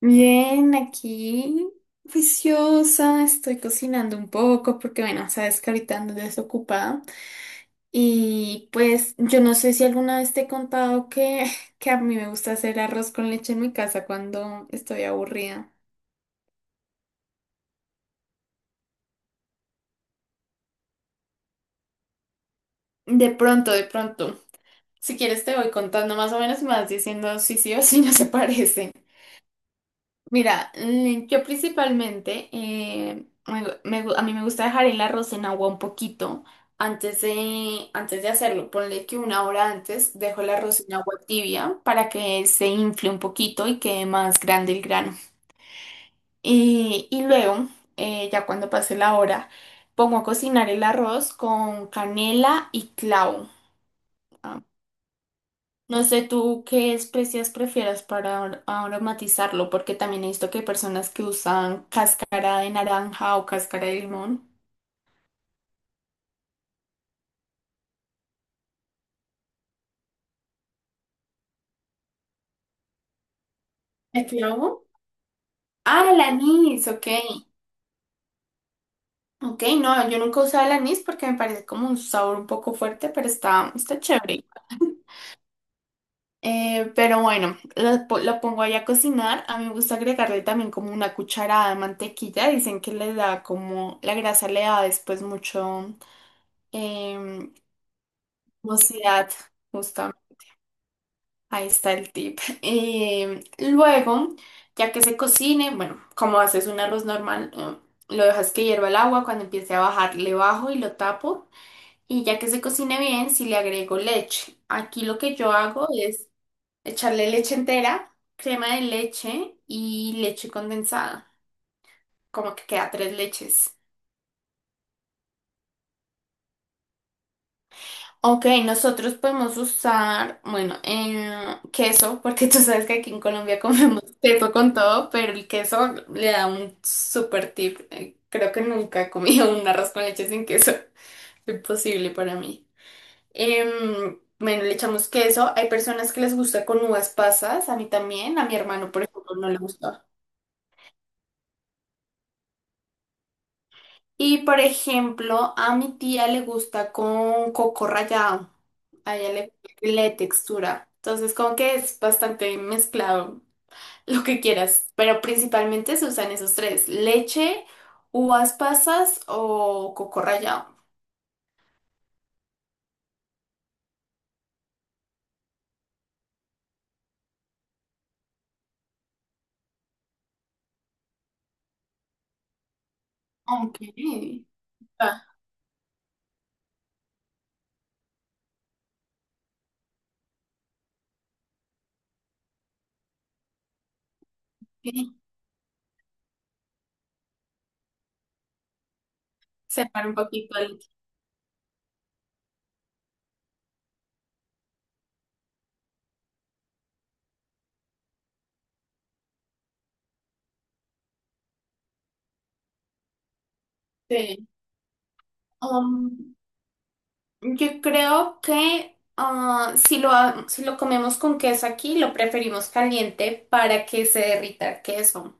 Bien, aquí juiciosa, estoy cocinando un poco porque, bueno, sabes que ahorita ando desocupada. Y pues yo no sé si alguna vez te he contado que, que a mí me gusta hacer arroz con leche en mi casa cuando estoy aburrida. De pronto, de pronto. Si quieres te voy contando más o menos y me vas diciendo si sí o si no se parece. Mira, yo principalmente, a mí me gusta dejar el arroz en agua un poquito antes de hacerlo. Ponle que una hora antes dejo el arroz en agua tibia para que se infle un poquito y quede más grande el grano. Y luego, ya cuando pase la hora, pongo a cocinar el arroz con canela y clavo. Ah, no sé tú qué especias prefieras para aromatizarlo, porque también he visto que hay personas que usan cáscara de naranja o cáscara de limón. ¿El clavo? Ah, el anís, ok. Ok, no, yo nunca he usado el anís porque me parece como un sabor un poco fuerte, pero está chévere. Pero bueno, lo pongo ahí a cocinar. A mí me gusta agregarle también como una cucharada de mantequilla. Dicen que le da como, la grasa le da después mucho eh, jugosidad. Ahí está el tip. Luego, ya que se cocine, bueno, como haces un arroz normal, lo dejas que hierva el agua. Cuando empiece a bajar, le bajo y lo tapo. Y ya que se cocine bien, si le agrego leche. Aquí lo que yo hago es echarle leche entera, crema de leche y leche condensada. Como que queda tres leches. Ok, nosotros podemos usar, bueno, queso, porque tú sabes que aquí en Colombia comemos queso con todo, pero el queso le da un super tip. Creo que nunca he comido un arroz con leche sin queso. Imposible para mí. Bueno, le echamos queso. Hay personas que les gusta con uvas pasas, a mí también, a mi hermano, por ejemplo, no le gusta. Y por ejemplo, a mi tía le gusta con coco rallado. A ella le le textura. Entonces, como que es bastante mezclado lo que quieras. Pero principalmente se usan esos tres: leche, uvas pasas o coco rallado. Ok. Ah, sí. Separa un poquito el. Sí. Um, yo creo que ah, si lo comemos con queso aquí, lo preferimos caliente para que se derrita el queso.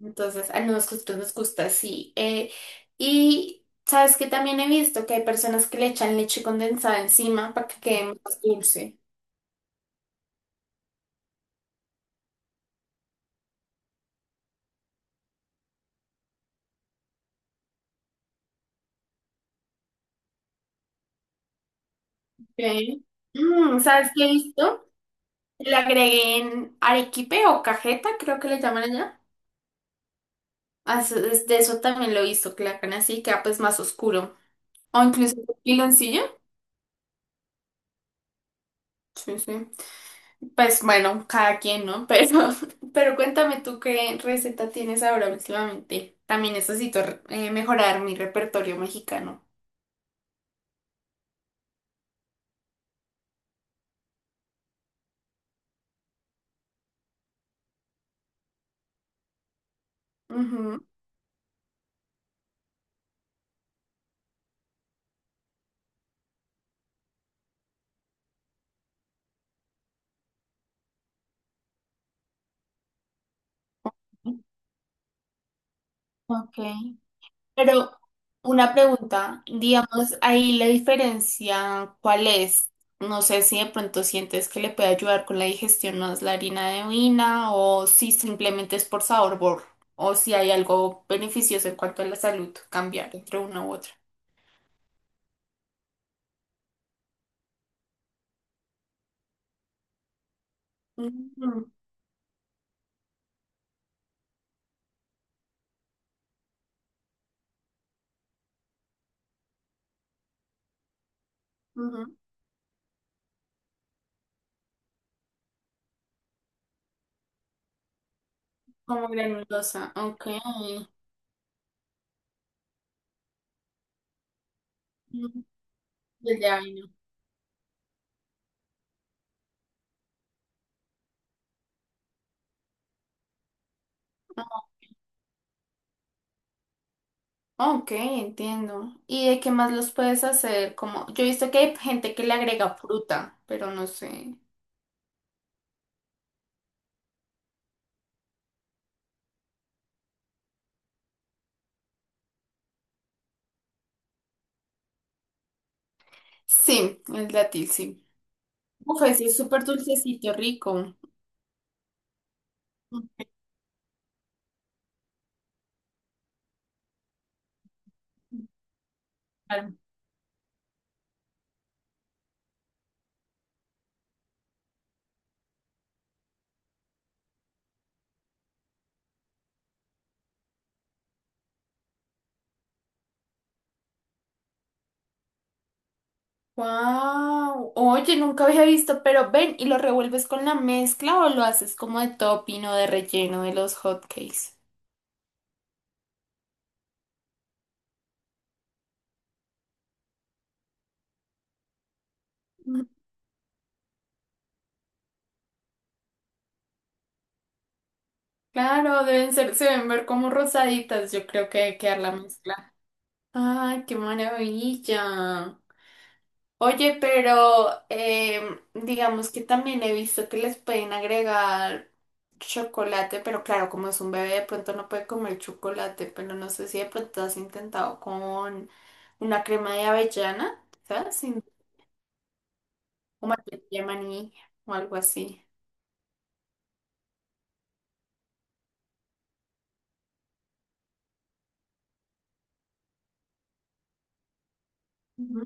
Entonces, a nosotros nos gusta así. Y sabes que también he visto que hay personas que le echan leche condensada encima para que quede más dulce. Ok. Mm, ¿sabes qué he visto? Le agreguen arequipe o cajeta, creo que le llaman allá. Ah, de eso también lo he visto, que le hagan así, queda pues más oscuro. O incluso piloncillo. Sí, sí. Pues bueno, cada quien, ¿no? Pero, pero cuéntame tú qué receta tienes ahora últimamente. También necesito mejorar mi repertorio mexicano. Ujú. Ok, pero una pregunta, digamos, ahí la diferencia, ¿cuál es? No sé si de pronto sientes que le puede ayudar con la digestión más la harina de avena o si simplemente es por sabor, o si hay algo beneficioso en cuanto a la salud, cambiar entre una u otra. Ujú, ujú. Como granulosa, ok. Mm, del de vaina. Ok, entiendo. ¿Y de qué más los puedes hacer? Como, yo he visto que hay gente que le agrega fruta, pero no sé. Sí, el dátil, sí. Uf, ese es súper dulcecito, rico. Wow. Oye, nunca había visto, pero ven, ¿y lo revuelves con la mezcla o lo haces como de topping o de relleno de los hotcakes? Mm, claro, deben ser, se deben ver como rosaditas, yo creo que debe quedar la mezcla. Ay, qué maravilla. Oye, pero digamos que también he visto que les pueden agregar chocolate, pero claro, como es un bebé, de pronto no puede comer chocolate, pero no sé si de pronto has intentado con una crema de avellana, ¿sabes? O más bien de maní o algo así. Ujú,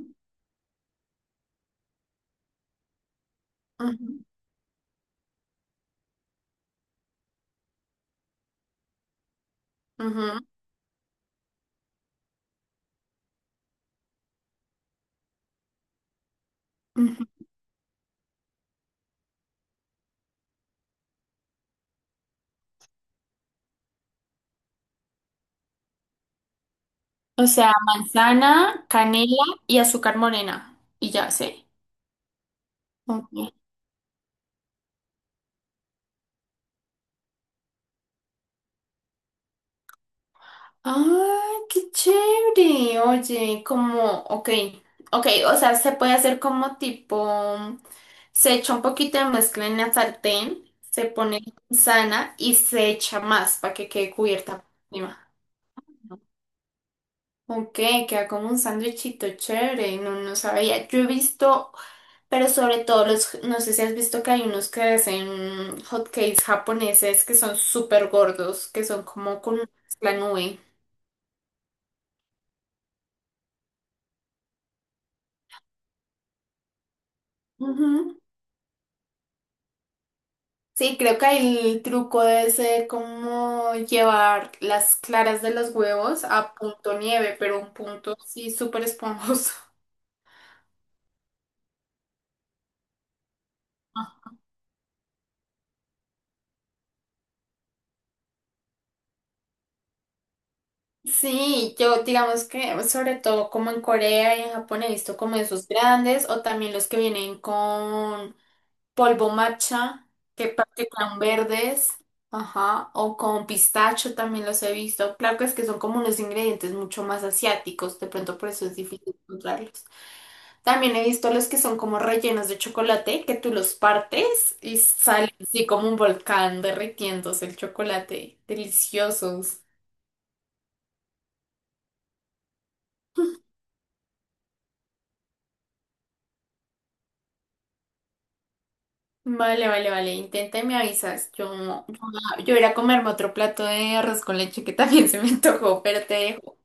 ujú, ujú, ujú. O sea, manzana, canela y azúcar morena. Y ya sé. Ah, qué chévere. Oye, como, ok, ok, o sea, se puede hacer como tipo, se echa un poquito de mezcla en la sartén, se pone sana y se echa más para que quede cubierta por encima. Ok, queda como un sándwichito chévere, no, no sabía. Yo he visto, pero sobre todo los, no sé si has visto que hay unos que hacen hot cakes japoneses que son súper gordos, que son como con mezcla nube. Ujú. Sí, creo que ahí el truco debe ser como llevar las claras de los huevos a punto nieve, pero un punto sí súper esponjoso. Sí, yo digamos que sobre todo como en Corea y en Japón he visto como esos grandes o también los que vienen con polvo matcha, que practican verdes, ajá, o con pistacho también los he visto. Claro que es que son como unos ingredientes mucho más asiáticos, de pronto por eso es difícil encontrarlos. También he visto los que son como rellenos de chocolate, que tú los partes y sale así como un volcán derritiéndose el chocolate. Deliciosos. Vale, vale, vale. Intenta y me avisas. Yo, yo iré a comerme otro plato de arroz con leche que también se me antojó, pero te dejo.